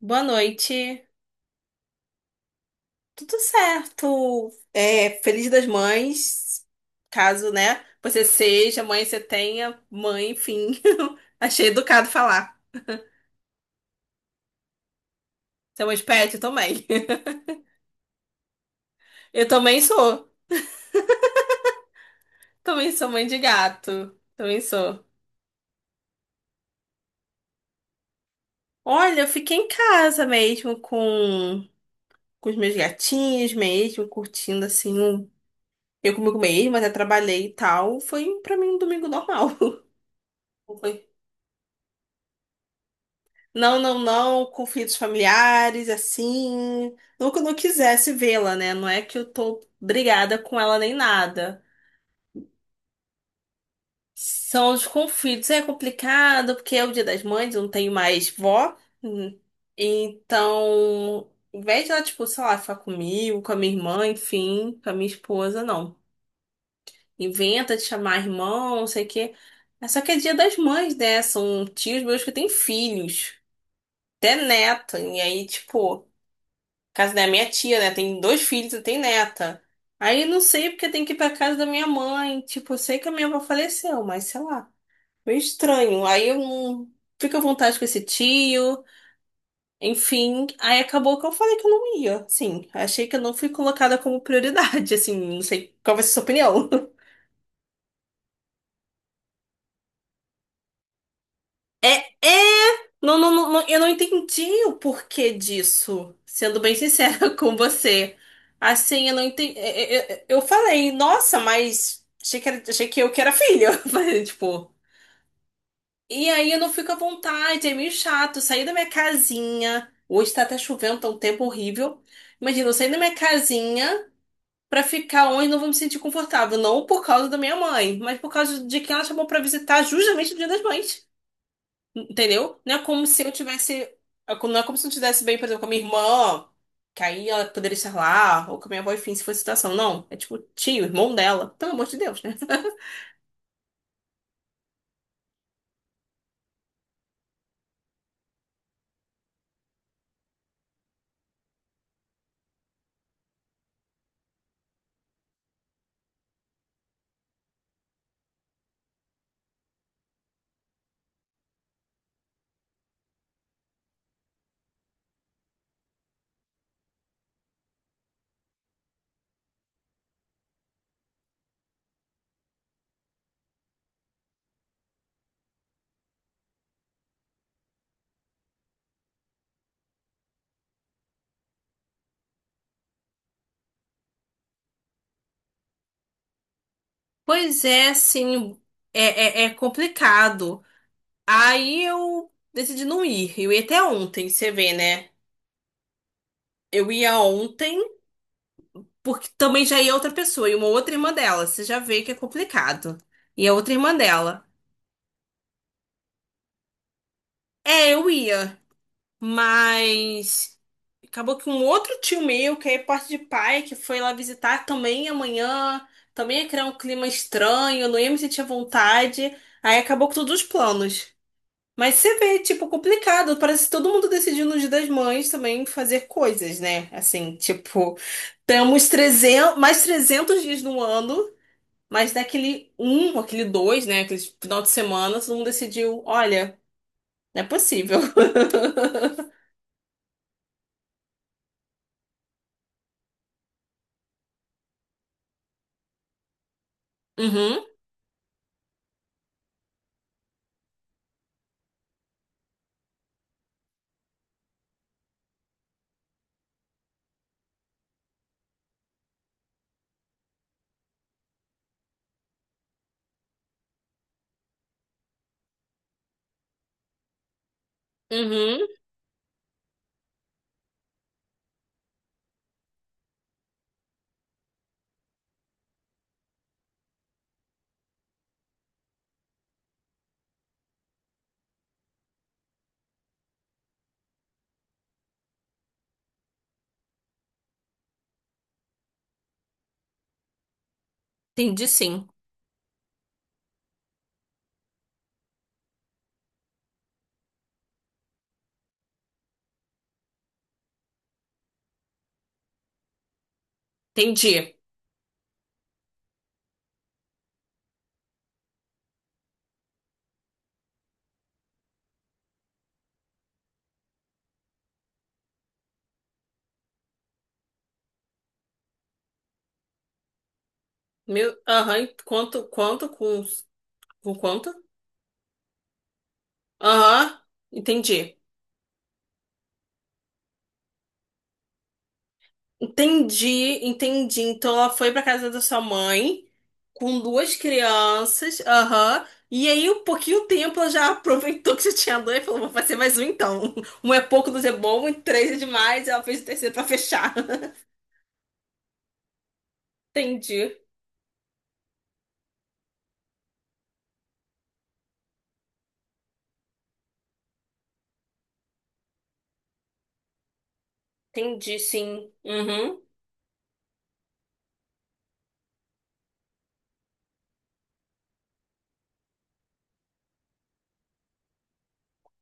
Boa noite. Tudo certo? Feliz das Mães, caso, né, você seja mãe, você tenha mãe, enfim. Achei educado falar. Você é mãe de pet? Eu também. Eu também sou. Também sou mãe de gato. Também sou. Olha, eu fiquei em casa mesmo com os meus gatinhos mesmo, curtindo assim, eu comigo mesma, até trabalhei e tal. Foi pra mim um domingo normal. Foi. Não, não, não, conflitos familiares, assim. Não que eu não quisesse vê-la, né? Não é que eu tô brigada com ela nem nada. São os conflitos. É complicado, porque é o Dia das Mães, eu não tenho mais vó. Hum. Então, em vez de ela, tipo, sei lá, ficar comigo, com a minha irmã, enfim, com a minha esposa, não. Inventa de chamar irmão, não sei o quê. É só que é Dia das Mães, né? São tios meus que têm filhos, até neta. E aí, tipo. Casa da minha tia, né? Tem dois filhos e tem neta. Aí não sei porque tem que ir pra casa da minha mãe. Tipo, eu sei que a minha avó faleceu, mas sei lá. Meio estranho. Aí eu não fico à vontade com esse tio. Enfim, aí acabou que eu falei que eu não ia. Sim, achei que eu não fui colocada como prioridade. Assim, não sei qual vai ser a sua opinião. É, é, eu não entendi o porquê disso, sendo bem sincera com você. Assim, eu não entendi. Eu falei, nossa, mas achei que eu que era filho. Eu falei, tipo, e aí eu não fico à vontade, é meio chato. Sair da minha casinha. Hoje tá até chovendo, tá um tempo horrível. Imagina, eu sair da minha casinha pra ficar onde não vou me sentir confortável. Não por causa da minha mãe, mas por causa de quem ela chamou pra visitar justamente no Dia das Mães. Entendeu? Não é como se eu tivesse. Não é como se eu tivesse bem, por exemplo, com a minha irmã, que aí ela poderia estar lá, ou com a minha avó, enfim, se fosse situação. Não. É tipo, tio, irmão dela. Pelo amor de Deus, né? Pois é, assim, é complicado. Aí eu decidi não ir. Eu ia até ontem, você vê, né? Eu ia ontem, porque também já ia outra pessoa, e uma outra irmã dela. Você já vê que é complicado. E a outra irmã dela. É, eu ia, mas. Acabou que um outro tio meu, que é parte de pai, que foi lá visitar também amanhã, também ia criar um clima estranho, não ia me sentir à vontade. Aí acabou com todos os planos. Mas você vê, tipo, complicado. Parece que todo mundo decidiu no Dia das Mães também fazer coisas, né? Assim, tipo, temos 300 mais 300 dias no ano, mas daquele um, aquele dois, né? Aquele final de semana, todo mundo decidiu, olha, não é possível. Uhum, uhum. Entendi, sim. Entendi. Meu, aham, com quanto? Aham, entendi. Entendi, entendi. Então ela foi pra casa da sua mãe com duas crianças, aham. E aí, um pouquinho tempo, ela já aproveitou que já tinha dois e falou: vou fazer mais um então. Um é pouco, dois é bom, e três é demais. E ela fez o terceiro pra fechar. Entendi, entendi sim. Uhum,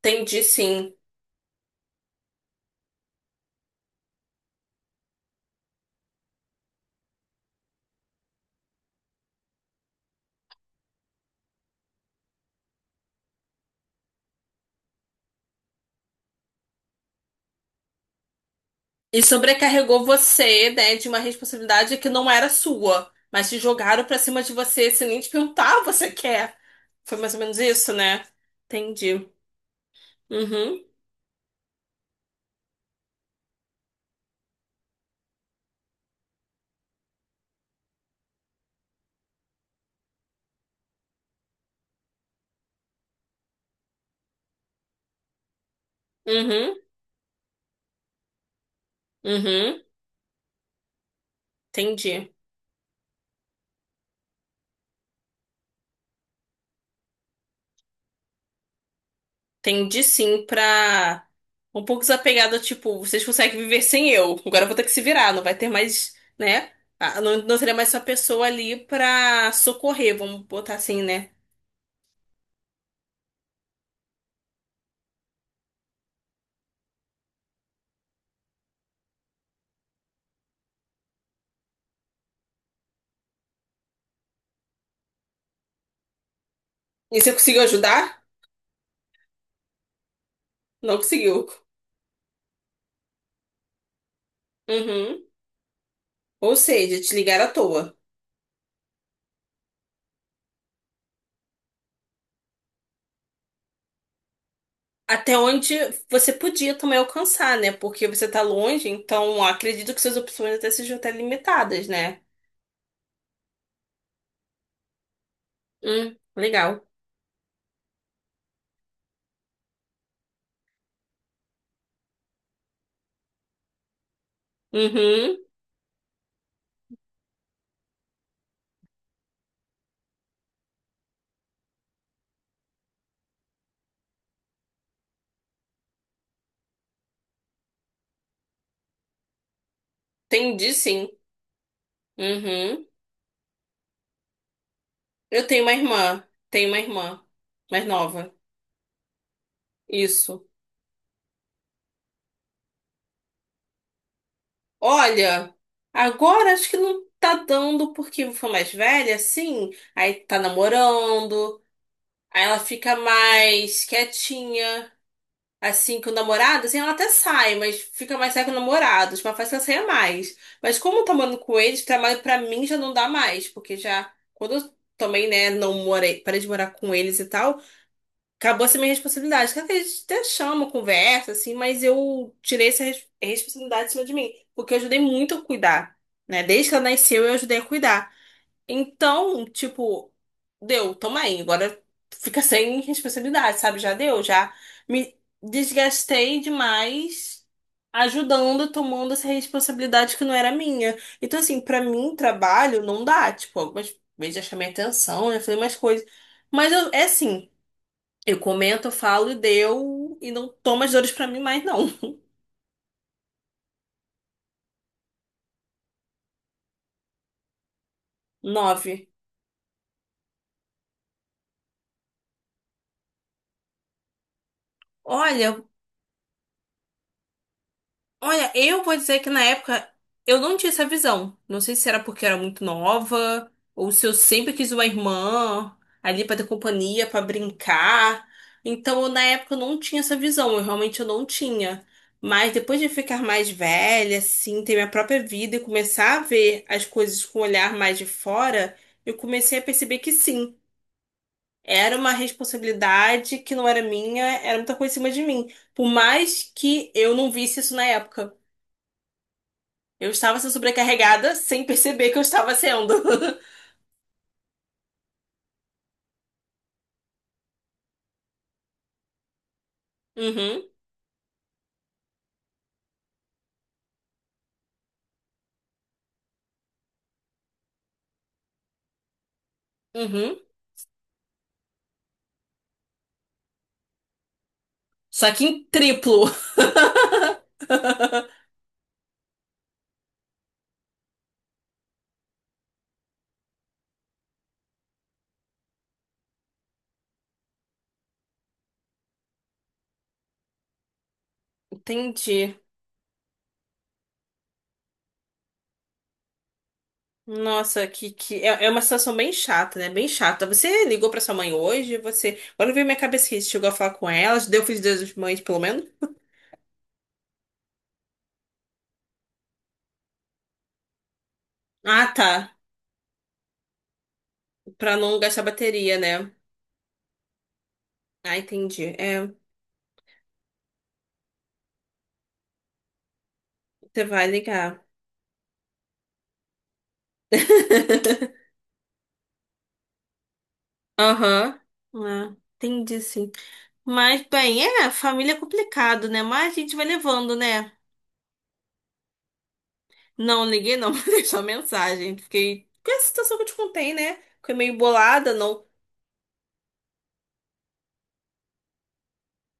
entendi sim. E sobrecarregou você, né, de uma responsabilidade que não era sua, mas te jogaram pra cima de você sem nem te perguntar o que você quer. Foi mais ou menos isso, né? Entendi. Uhum, uhum, uhum. Entendi. Entendi sim, pra um pouco desapegada, tipo, vocês conseguem viver sem eu. Agora eu vou ter que se virar, não vai ter mais, né? Ah, não, não teria mais essa pessoa ali pra socorrer, vamos botar assim, né? E você conseguiu ajudar? Não conseguiu. Uhum. Ou seja, te ligaram à toa. Até onde você podia também alcançar, né? Porque você tá longe, então acredito que suas opções até sejam até limitadas, né? Legal. Uhum, entendi sim. Uhum. Eu tenho uma irmã mais nova. Isso. Olha, agora acho que não tá dando porque foi mais velha, sim. Aí tá namorando, aí ela fica mais quietinha. Assim, com o namorado, assim, ela até sai, mas fica mais sai com o namorado. Tipo, ela faz que ela saia mais. Mas como tá morando com eles, pra mim já não dá mais, porque já, quando eu também, né, não morei, parei de morar com eles e tal, acabou essa minha responsabilidade. Claro que a gente até chama, conversa, assim, mas eu tirei essa responsabilidade de cima de mim, porque eu ajudei muito a cuidar, né? Desde que ela nasceu, eu ajudei a cuidar. Então, tipo, deu, toma aí. Agora fica sem responsabilidade, sabe? Já deu, já me desgastei demais ajudando, tomando essa responsabilidade que não era minha. Então, assim, pra mim, trabalho não dá. Tipo, algumas vezes já chamei atenção, já falei umas coisas. É assim, eu comento, falo e deu, e não tomo as dores pra mim mais, não. Nove. Olha, olha, eu vou dizer que na época eu não tinha essa visão. Não sei se era porque eu era muito nova, ou se eu sempre quis uma irmã ali pra ter companhia, pra brincar. Então, eu, na época eu não tinha essa visão, eu realmente eu não tinha. Mas depois de ficar mais velha, assim, ter minha própria vida e começar a ver as coisas com um olhar mais de fora, eu comecei a perceber que sim, era uma responsabilidade que não era minha, era muita coisa em cima de mim. Por mais que eu não visse isso na época. Eu estava sendo sobrecarregada sem perceber que eu estava sendo. Uhum, uhum. Só que em triplo. Entendi. Nossa, que é, é uma situação bem chata, né? Bem chata. Você ligou pra sua mãe hoje? Você. Agora veio minha cabeça que você chegou a falar com ela, deu feliz dia das mães, pelo menos? Ah, tá. Pra não gastar bateria, né? Ah, entendi. É, você vai ligar. Aham. Ah, entendi, sim. Mas, bem, é, família é complicado, né? Mas a gente vai levando, né? Não liguei, não, mas deixou mensagem. Fiquei com essa situação que eu te contei, né? Fiquei meio bolada, não.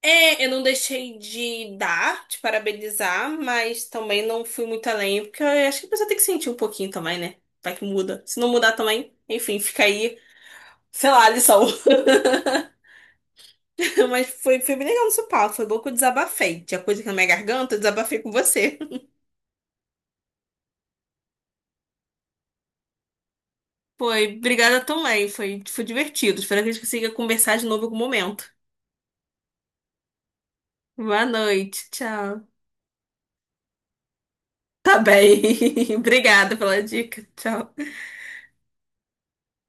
É, eu não deixei de dar, de parabenizar, mas também não fui muito além, porque eu acho que a pessoa tem que sentir um pouquinho também, né? Vai que muda. Se não mudar também, enfim, fica aí, sei lá, a lição. Mas foi, foi bem legal no seu papo, foi bom que eu desabafei. Tinha coisa aqui na minha garganta, eu desabafei com você. Foi, obrigada também. Foi, foi divertido. Espero que a gente consiga conversar de novo em algum momento. Boa noite, tchau. Tá bem. Obrigada pela dica. Tchau.